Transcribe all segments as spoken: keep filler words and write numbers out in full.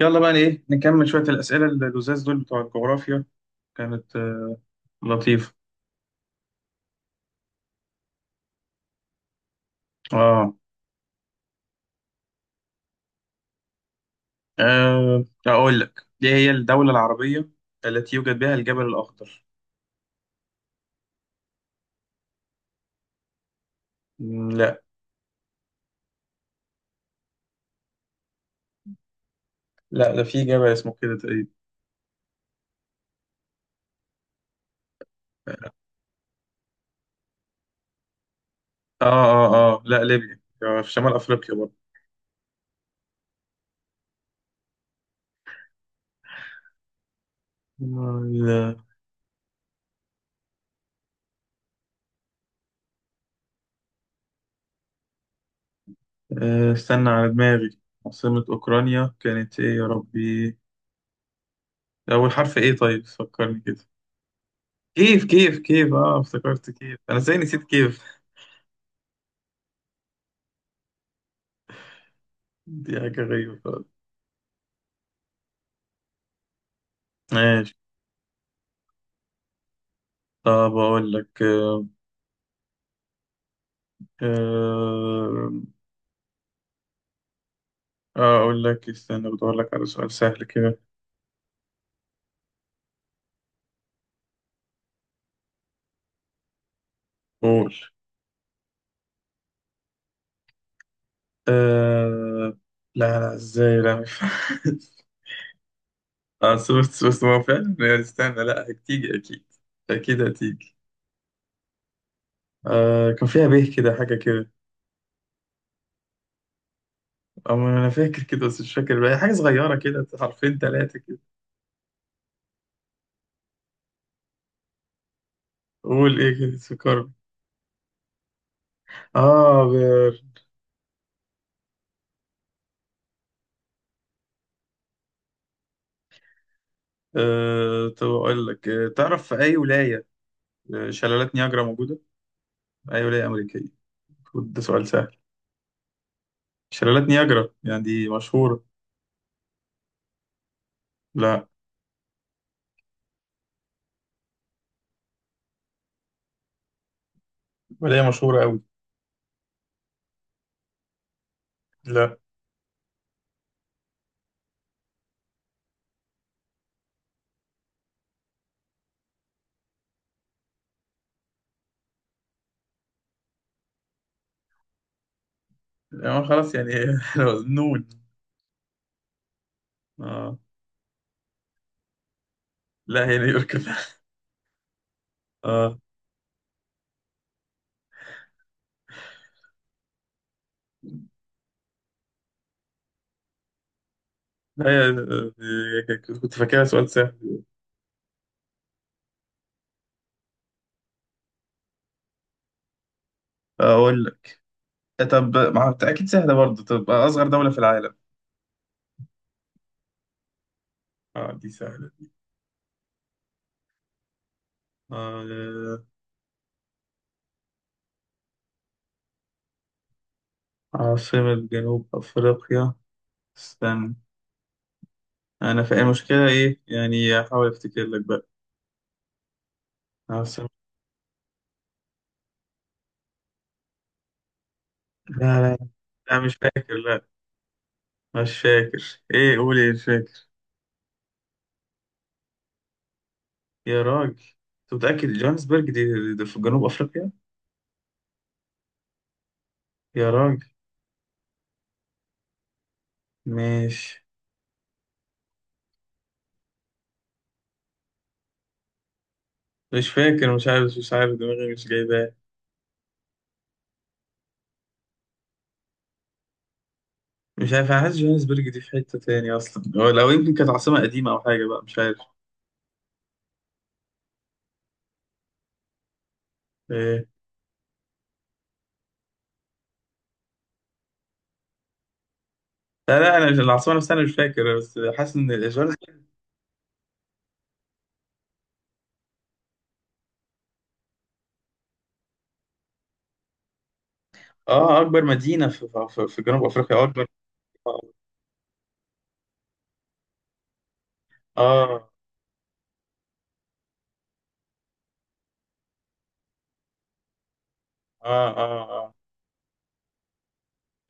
يلا بقى ايه نكمل شوية الأسئلة اللزاز دول بتوع الجغرافيا كانت آه، لطيفة. اه. آه، أقول لك دي هي الدولة العربية التي يوجد بها الجبل الأخضر. مم، لا، لا ده في جبل اسمه كده تقريبا. اه اه اه، لا ليبيا، آه، في شمال أفريقيا برضه. آه، لا. آه، استنى على دماغي، عاصمة أوكرانيا كانت ايه يا ربي؟ أول حرف ايه طيب فكرني كده. كيف كيف كيف، اه افتكرت كيف، أنا ازاي نسيت كيف دي حاجة غريبة خالص. ماشي. طب أقول لك، آه، آه، أقول لك استنى بدور لك على سؤال سهل كده. قول. أه لا لا، إزاي؟ لا مش آه، بس بس بس ما هو فعلا يعني استنى، لا هتيجي أكيد، أكيد هتيجي. أه كان فيها به كده حاجة كده. أما أنا فاكر كده بس مش فاكر بقى حاجة صغيرة كده، حرفين تلاتة كده. قول إيه كده سكر. آه بير. أه طب أقول لك، آه، تعرف في أي ولاية آه، شلالات نياجرا موجودة؟ أي ولاية أمريكية، ده سؤال سهل. شلالات نياجرا يعني دي مشهورة. لا. ولا هي مشهورة أوي. لا. يعني خلاص يعني نون. آه. لا هي نيويورك، لا. آه. لا هي، آه، كنت فاكرها سؤال سهل. أقول لك، طب ما هو أكيد سهلة برضه، طب أصغر دولة في العالم؟ آه دي سهلة. آه. عاصمة جنوب أفريقيا، استنى، أنا فاهم المشكلة إيه، يعني أحاول أفتكر لك بقى عاصمة. لا لا لا مش فاكر، لا مش فاكر، ايه؟ قول ايه، مش فاكر. يا راجل انت متأكد جوهانسبرج دي, دي في جنوب افريقيا؟ يا راجل، مش مش فاكر، مش عارف، مش عارف، دماغي مش جايباه. مش عارف، انا حاسس جوهانسبرج دي في حتة تاني اصلا، هو لو يمكن كانت عاصمة قديمة او حاجة بقى مش عارف. إيه. لا لا انا مش- العاصمة نفسها انا مش فاكر بس حاسس ان جوهانسبرج. اه اكبر مدينة في, في, في جنوب افريقيا اكبر. اه اه اه اه،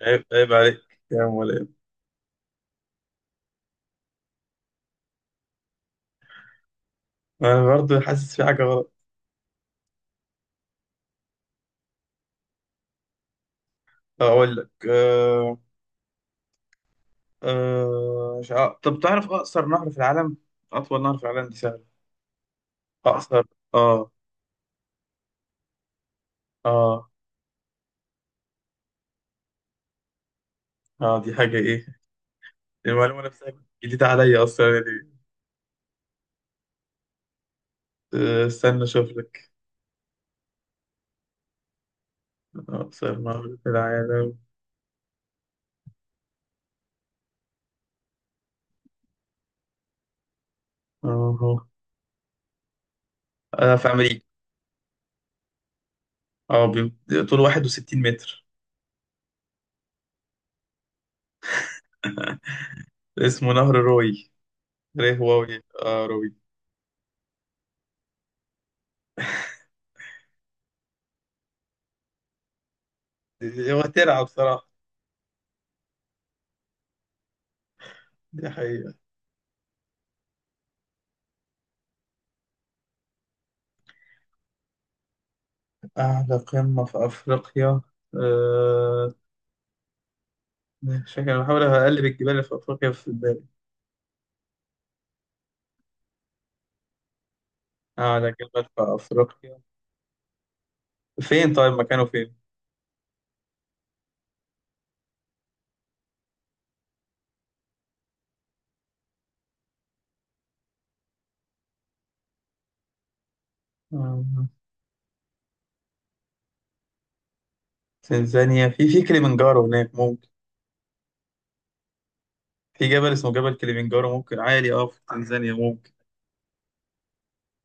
عيب عيب عليك يا مولاي. انا برضه حاسس في حاجة غلط. اقول لك، آه، آه، مش عارف. طب تعرف أقصر نهر في العالم؟ أطول نهر في العالم دي سهلة. أقصر؟ آه. آه. آه دي حاجة إيه؟ المعلومة نفسها جديدة عليا أصلا يعني. آه، استنى أشوف لك أقصر نهر في العالم. أهو. أنا في أمريكا. أه بي- طوله واحد وستين متر، اسمه نهر روي، ريه واوي، آه روي. هو ترعة بصراحة. دي حقيقة. أعلى قمة في أفريقيا؟ أه، شكل بحاول أقلب الجبال اللي في أفريقيا في بالي. اه ده جبل في افريقيا؟ فين طيب مكانه فين؟ آه، تنزانيا، في في كليمنجارو هناك ممكن، في جبل اسمه جبل كليمنجارو ممكن عالي، اه في تنزانيا ممكن.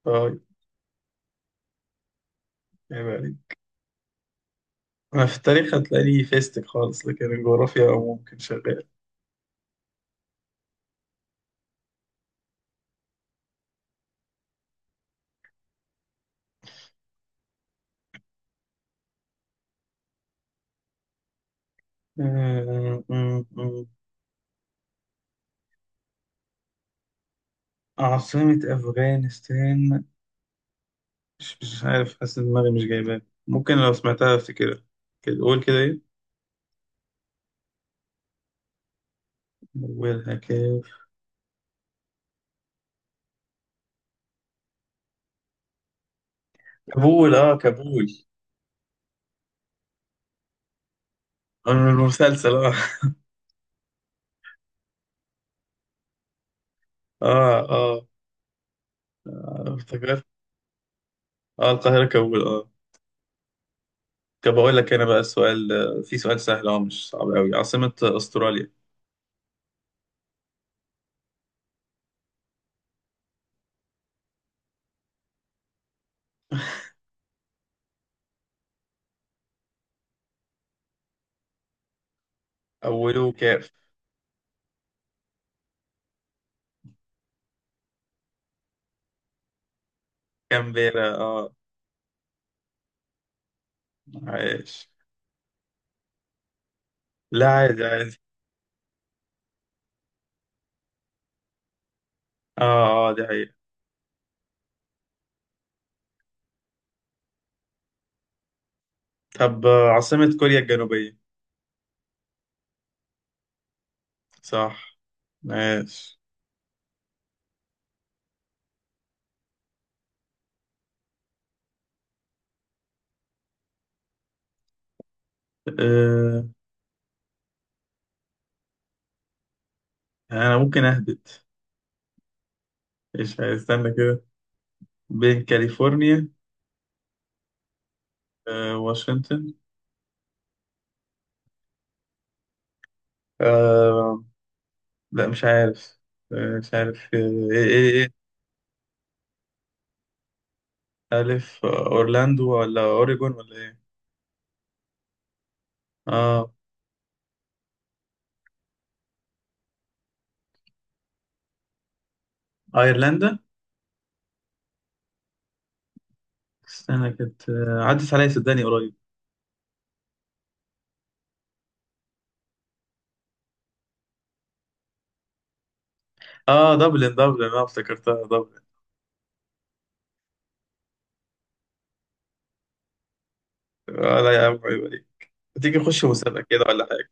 طيب. عيب عليك. انا في التاريخ هتلاقيني فيستك خالص، لكن الجغرافيا ممكن شغال. آه، م- م- عاصمة أفغانستان، مش مش عارف، حاسس إن دماغي مش جايباها، ممكن لو سمعتها أفتكرها. كده قول كده إيه؟ أولها كاف؟ كابول، آه كابول. آه، من المسلسل. آه. آه. آه. افتكرت، اه القاهرة كول، اه. طب بقول لك انا بقى السؤال، في سؤال سهل اه مش صعب قوي، عاصمة استراليا؟ اوله كاف. كامبيرا، اه. عايش. لا عادي عادي. اه. اه دي حقيقة. طب آه، عاصمة كوريا الجنوبية؟ صح. ماشي. آه. انا ممكن اهبط. ايش، استنى كده، بين كاليفورنيا آه واشنطن. آه. لا مش عارف. آه مش عارف. آه، ايه ايه ايه؟ ألف، آه، أورلاندو ولا أوريجون ولا إيه؟ آه. ايرلندا، استنى كانت، آه، عدت عليا صدقني قريب. اه دبلن، دبلن انا افتكرتها دبلن. آه لا يا عم عيب عليك. تيجي نخش مسابقة كده ولا حاجة؟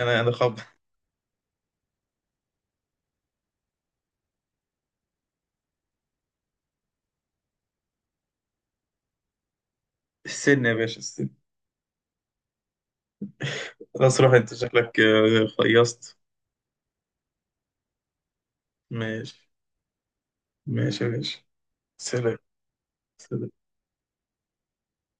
أنا أنا خب، السن يا باشا السن. خلاص روح أنت شكلك آه، خيصت. ماشي. ماشي يا باشا. سلام. سلام.